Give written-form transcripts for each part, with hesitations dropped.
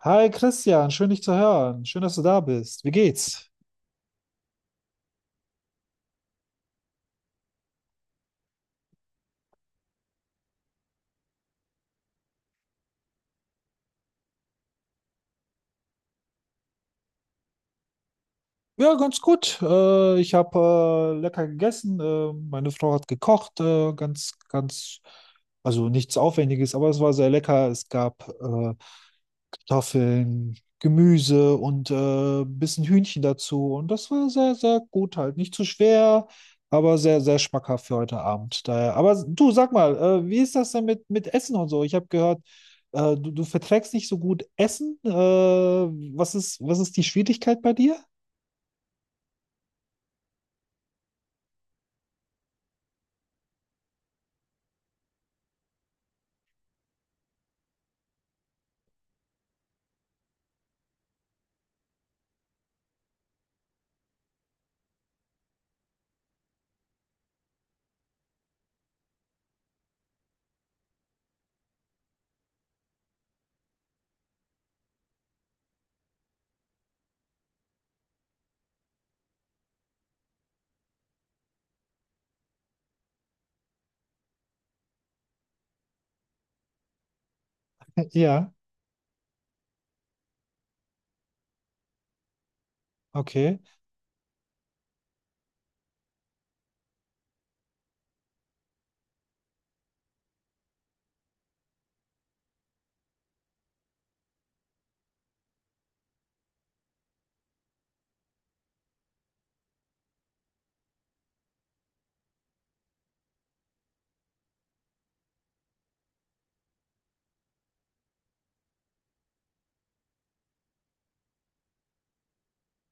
Hi Christian, schön dich zu hören. Schön, dass du da bist. Wie geht's? Ja, ganz gut. Ich habe lecker gegessen. Meine Frau hat gekocht. Also nichts Aufwendiges, aber es war sehr lecker. Es gab Kartoffeln, Gemüse und ein bisschen Hühnchen dazu. Und das war sehr, sehr gut halt. Nicht zu schwer, aber sehr, sehr schmackhaft für heute Abend. Daher. Aber du, sag mal, wie ist das denn mit Essen und so? Ich habe gehört, du verträgst nicht so gut Essen. Was ist die Schwierigkeit bei dir? Ja, okay.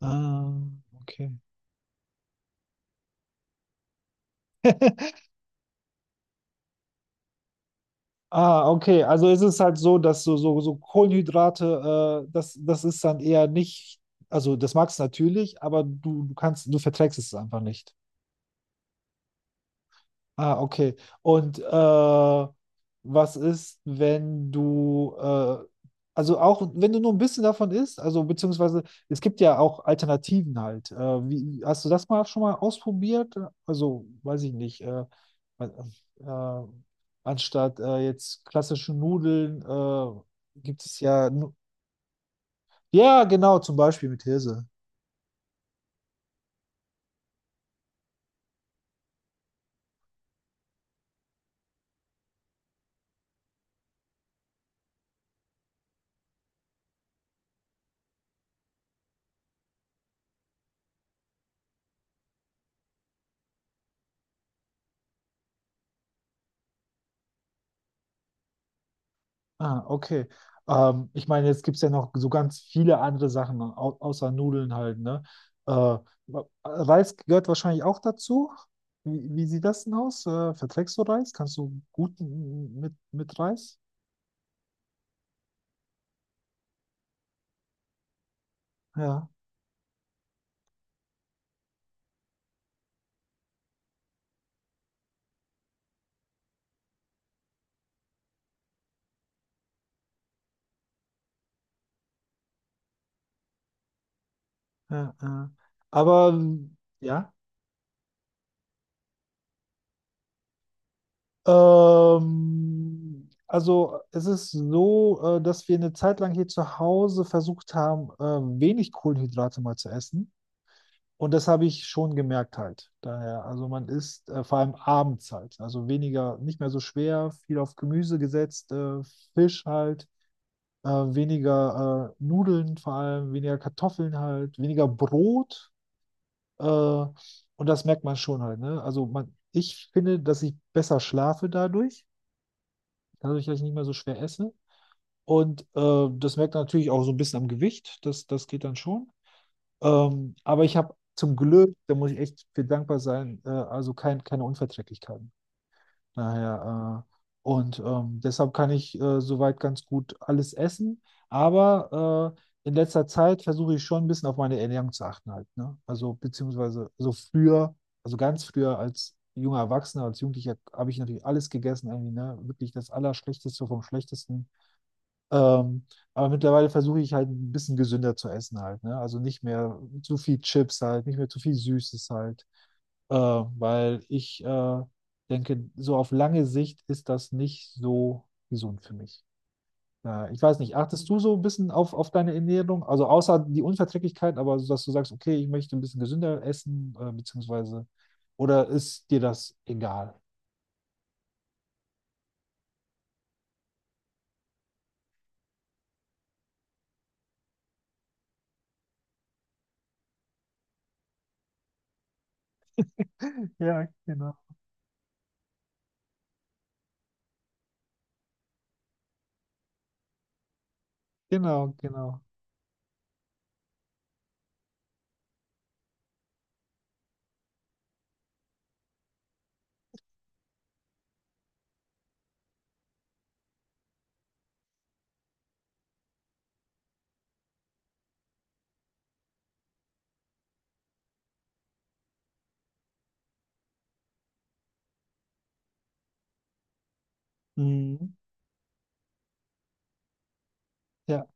Ah, okay. Ah, okay. Also ist es halt so, dass so Kohlenhydrate, das ist dann eher nicht, also das magst du natürlich, aber du verträgst es einfach nicht. Ah, okay. Und was ist, wenn also auch wenn du nur ein bisschen davon isst, also beziehungsweise es gibt ja auch Alternativen halt. Hast du das mal schon mal ausprobiert? Also, weiß ich nicht, äh, äh, anstatt jetzt klassische Nudeln gibt es ja, ja, genau, zum Beispiel mit Hirse. Ah, okay. Ich meine, jetzt gibt es ja noch so ganz viele andere Sachen, au außer Nudeln halt, ne? Äh, Reis gehört wahrscheinlich auch dazu. Wie sieht das denn aus? Verträgst du Reis? Kannst du gut mit Reis? Ja, ja, ja. Aber ja. Also es ist so, dass wir eine Zeit lang hier zu Hause versucht haben, wenig Kohlenhydrate mal zu essen. Und das habe ich schon gemerkt halt. Daher, also man isst vor allem abends halt. Also weniger, nicht mehr so schwer, viel auf Gemüse gesetzt, Fisch halt, weniger Nudeln vor allem, weniger Kartoffeln halt, weniger Brot. Und das merkt man schon halt, ne? Also man, ich finde, dass ich besser schlafe dadurch, dadurch, dass ich nicht mehr so schwer esse. Und das merkt man natürlich auch so ein bisschen am Gewicht. Das geht dann schon. Aber ich habe zum Glück, da muss ich echt für dankbar sein, keine Unverträglichkeiten. Daher, und deshalb kann ich soweit ganz gut alles essen. Aber in letzter Zeit versuche ich schon ein bisschen auf meine Ernährung zu achten halt, ne? Also beziehungsweise so früher, also ganz früher als junger Erwachsener, als Jugendlicher habe ich natürlich alles gegessen, irgendwie, ne? Wirklich das Allerschlechteste vom Schlechtesten. Ähm, aber mittlerweile versuche ich halt ein bisschen gesünder zu essen halt, ne? Also nicht mehr zu viel Chips halt, nicht mehr zu viel Süßes halt, weil ich denke, so auf lange Sicht ist das nicht so gesund für mich. Ich weiß nicht, achtest du so ein bisschen auf deine Ernährung? Also außer die Unverträglichkeit, aber so, dass du sagst, okay, ich möchte ein bisschen gesünder essen, beziehungsweise, oder ist dir das egal? Ja, genau. Genau, genau. Mhm. Ja.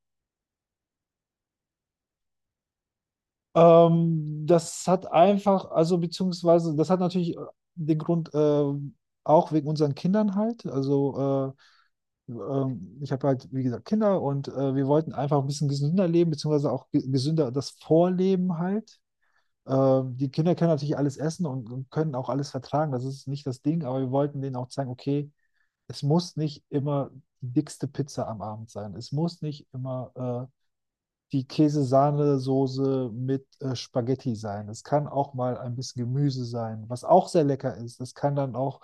Das hat einfach, also beziehungsweise, das hat natürlich den Grund, auch wegen unseren Kindern halt. Also ich habe halt, wie gesagt, Kinder und wir wollten einfach ein bisschen gesünder leben, beziehungsweise auch gesünder das Vorleben halt. Die Kinder können natürlich alles essen und können auch alles vertragen, das ist nicht das Ding, aber wir wollten denen auch zeigen, okay, es muss nicht immer die dickste Pizza am Abend sein. Es muss nicht immer äh, die Käse-Sahne-Soße mit Spaghetti sein. Es kann auch mal ein bisschen Gemüse sein, was auch sehr lecker ist. Es kann dann auch,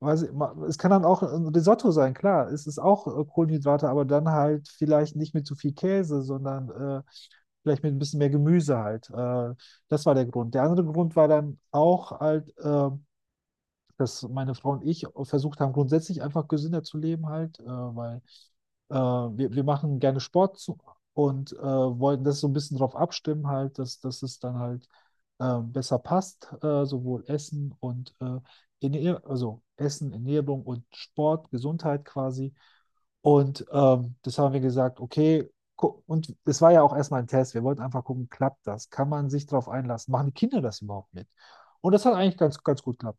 weiß ich, es kann dann auch ein Risotto sein, klar. Es ist auch Kohlenhydrate, aber dann halt vielleicht nicht mit zu viel Käse, sondern vielleicht mit ein bisschen mehr Gemüse halt. Das war der Grund. Der andere Grund war dann auch halt, dass meine Frau und ich versucht haben, grundsätzlich einfach gesünder zu leben halt, wir machen gerne Sport zu, und wollten das so ein bisschen drauf abstimmen, halt, dass es dann halt besser passt, sowohl Essen und Ernähr also Essen, Ernährung und Sport, Gesundheit quasi. Und das haben wir gesagt, okay, und es war ja auch erstmal ein Test. Wir wollten einfach gucken, klappt das? Kann man sich darauf einlassen? Machen die Kinder das überhaupt mit? Und das hat eigentlich ganz, ganz gut geklappt.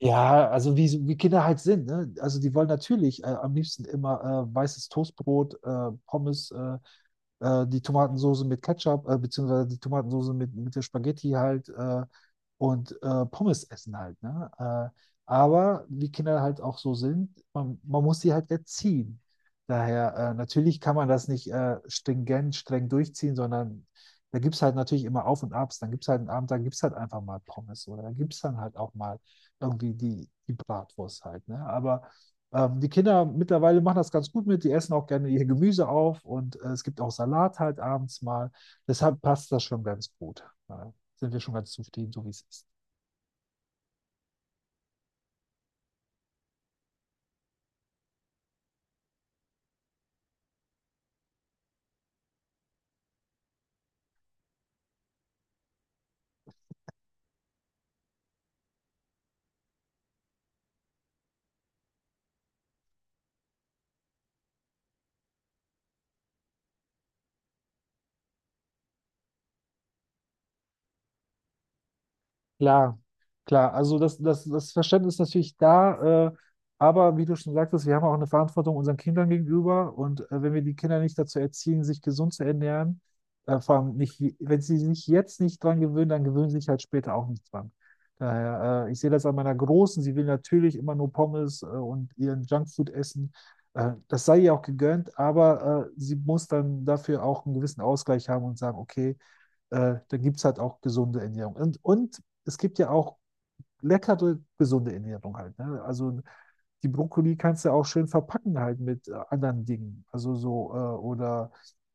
Ja, also wie, so, wie Kinder halt sind, ne? Also die wollen natürlich am liebsten immer weißes Toastbrot, die Tomatensoße mit Ketchup, beziehungsweise die Tomatensoße mit der Spaghetti halt und Pommes essen halt, ne? Aber wie Kinder halt auch so sind, man muss sie halt erziehen. Daher, natürlich kann man das nicht streng durchziehen, sondern da gibt es halt natürlich immer Auf und Abs. Dann gibt es halt einen Abend, dann gibt es halt einfach mal Pommes oder da gibt es dann halt auch mal irgendwie die Bratwurst halt, ne? Aber die Kinder mittlerweile machen das ganz gut mit, die essen auch gerne ihr Gemüse auf und es gibt auch Salat halt abends mal. Deshalb passt das schon ganz gut. Da sind wir schon ganz zufrieden, so wie es ist. Klar, klar. Also das Verständnis ist natürlich da, aber wie du schon sagtest, wir haben auch eine Verantwortung unseren Kindern gegenüber und wenn wir die Kinder nicht dazu erziehen, sich gesund zu ernähren, vor allem nicht, wenn sie sich jetzt nicht dran gewöhnen, dann gewöhnen sie sich halt später auch nicht dran. Daher, ich sehe das an meiner Großen, sie will natürlich immer nur Pommes und ihren Junkfood essen. Das sei ihr auch gegönnt, aber sie muss dann dafür auch einen gewissen Ausgleich haben und sagen, okay, dann gibt es halt auch gesunde Ernährung. Und es gibt ja auch leckere, gesunde Ernährung halt. Ne? Also die Brokkoli kannst du auch schön verpacken halt mit anderen Dingen. Also so, oder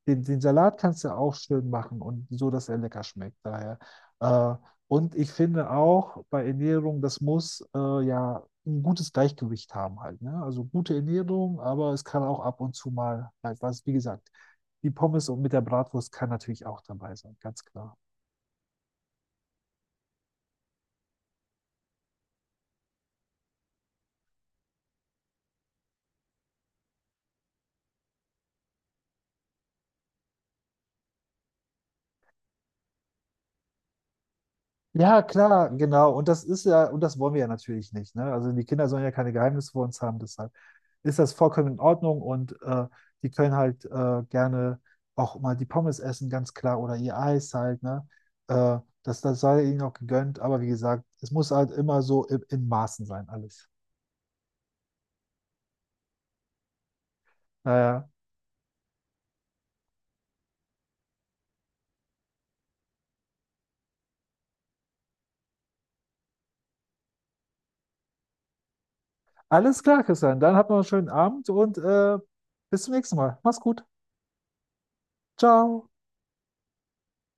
den Salat kannst du auch schön machen und so, dass er lecker schmeckt. Daher. Äh, und ich finde auch bei Ernährung, das muss ja ein gutes Gleichgewicht haben halt. Ne? Also gute Ernährung, aber es kann auch ab und zu mal halt was, wie gesagt, die Pommes und mit der Bratwurst kann natürlich auch dabei sein, ganz klar. Ja, klar, genau. Und das ist ja, und das wollen wir ja natürlich nicht. Ne? Also die Kinder sollen ja keine Geheimnisse vor uns haben, deshalb ist das vollkommen in Ordnung und die können halt gerne auch mal die Pommes essen, ganz klar, oder ihr Eis halt, ne? Das, das sei ihnen auch gegönnt, aber wie gesagt, es muss halt immer so in Maßen sein, alles. Naja. Alles klar, Christian. Dann habt noch einen schönen Abend und bis zum nächsten Mal. Mach's gut. Ciao.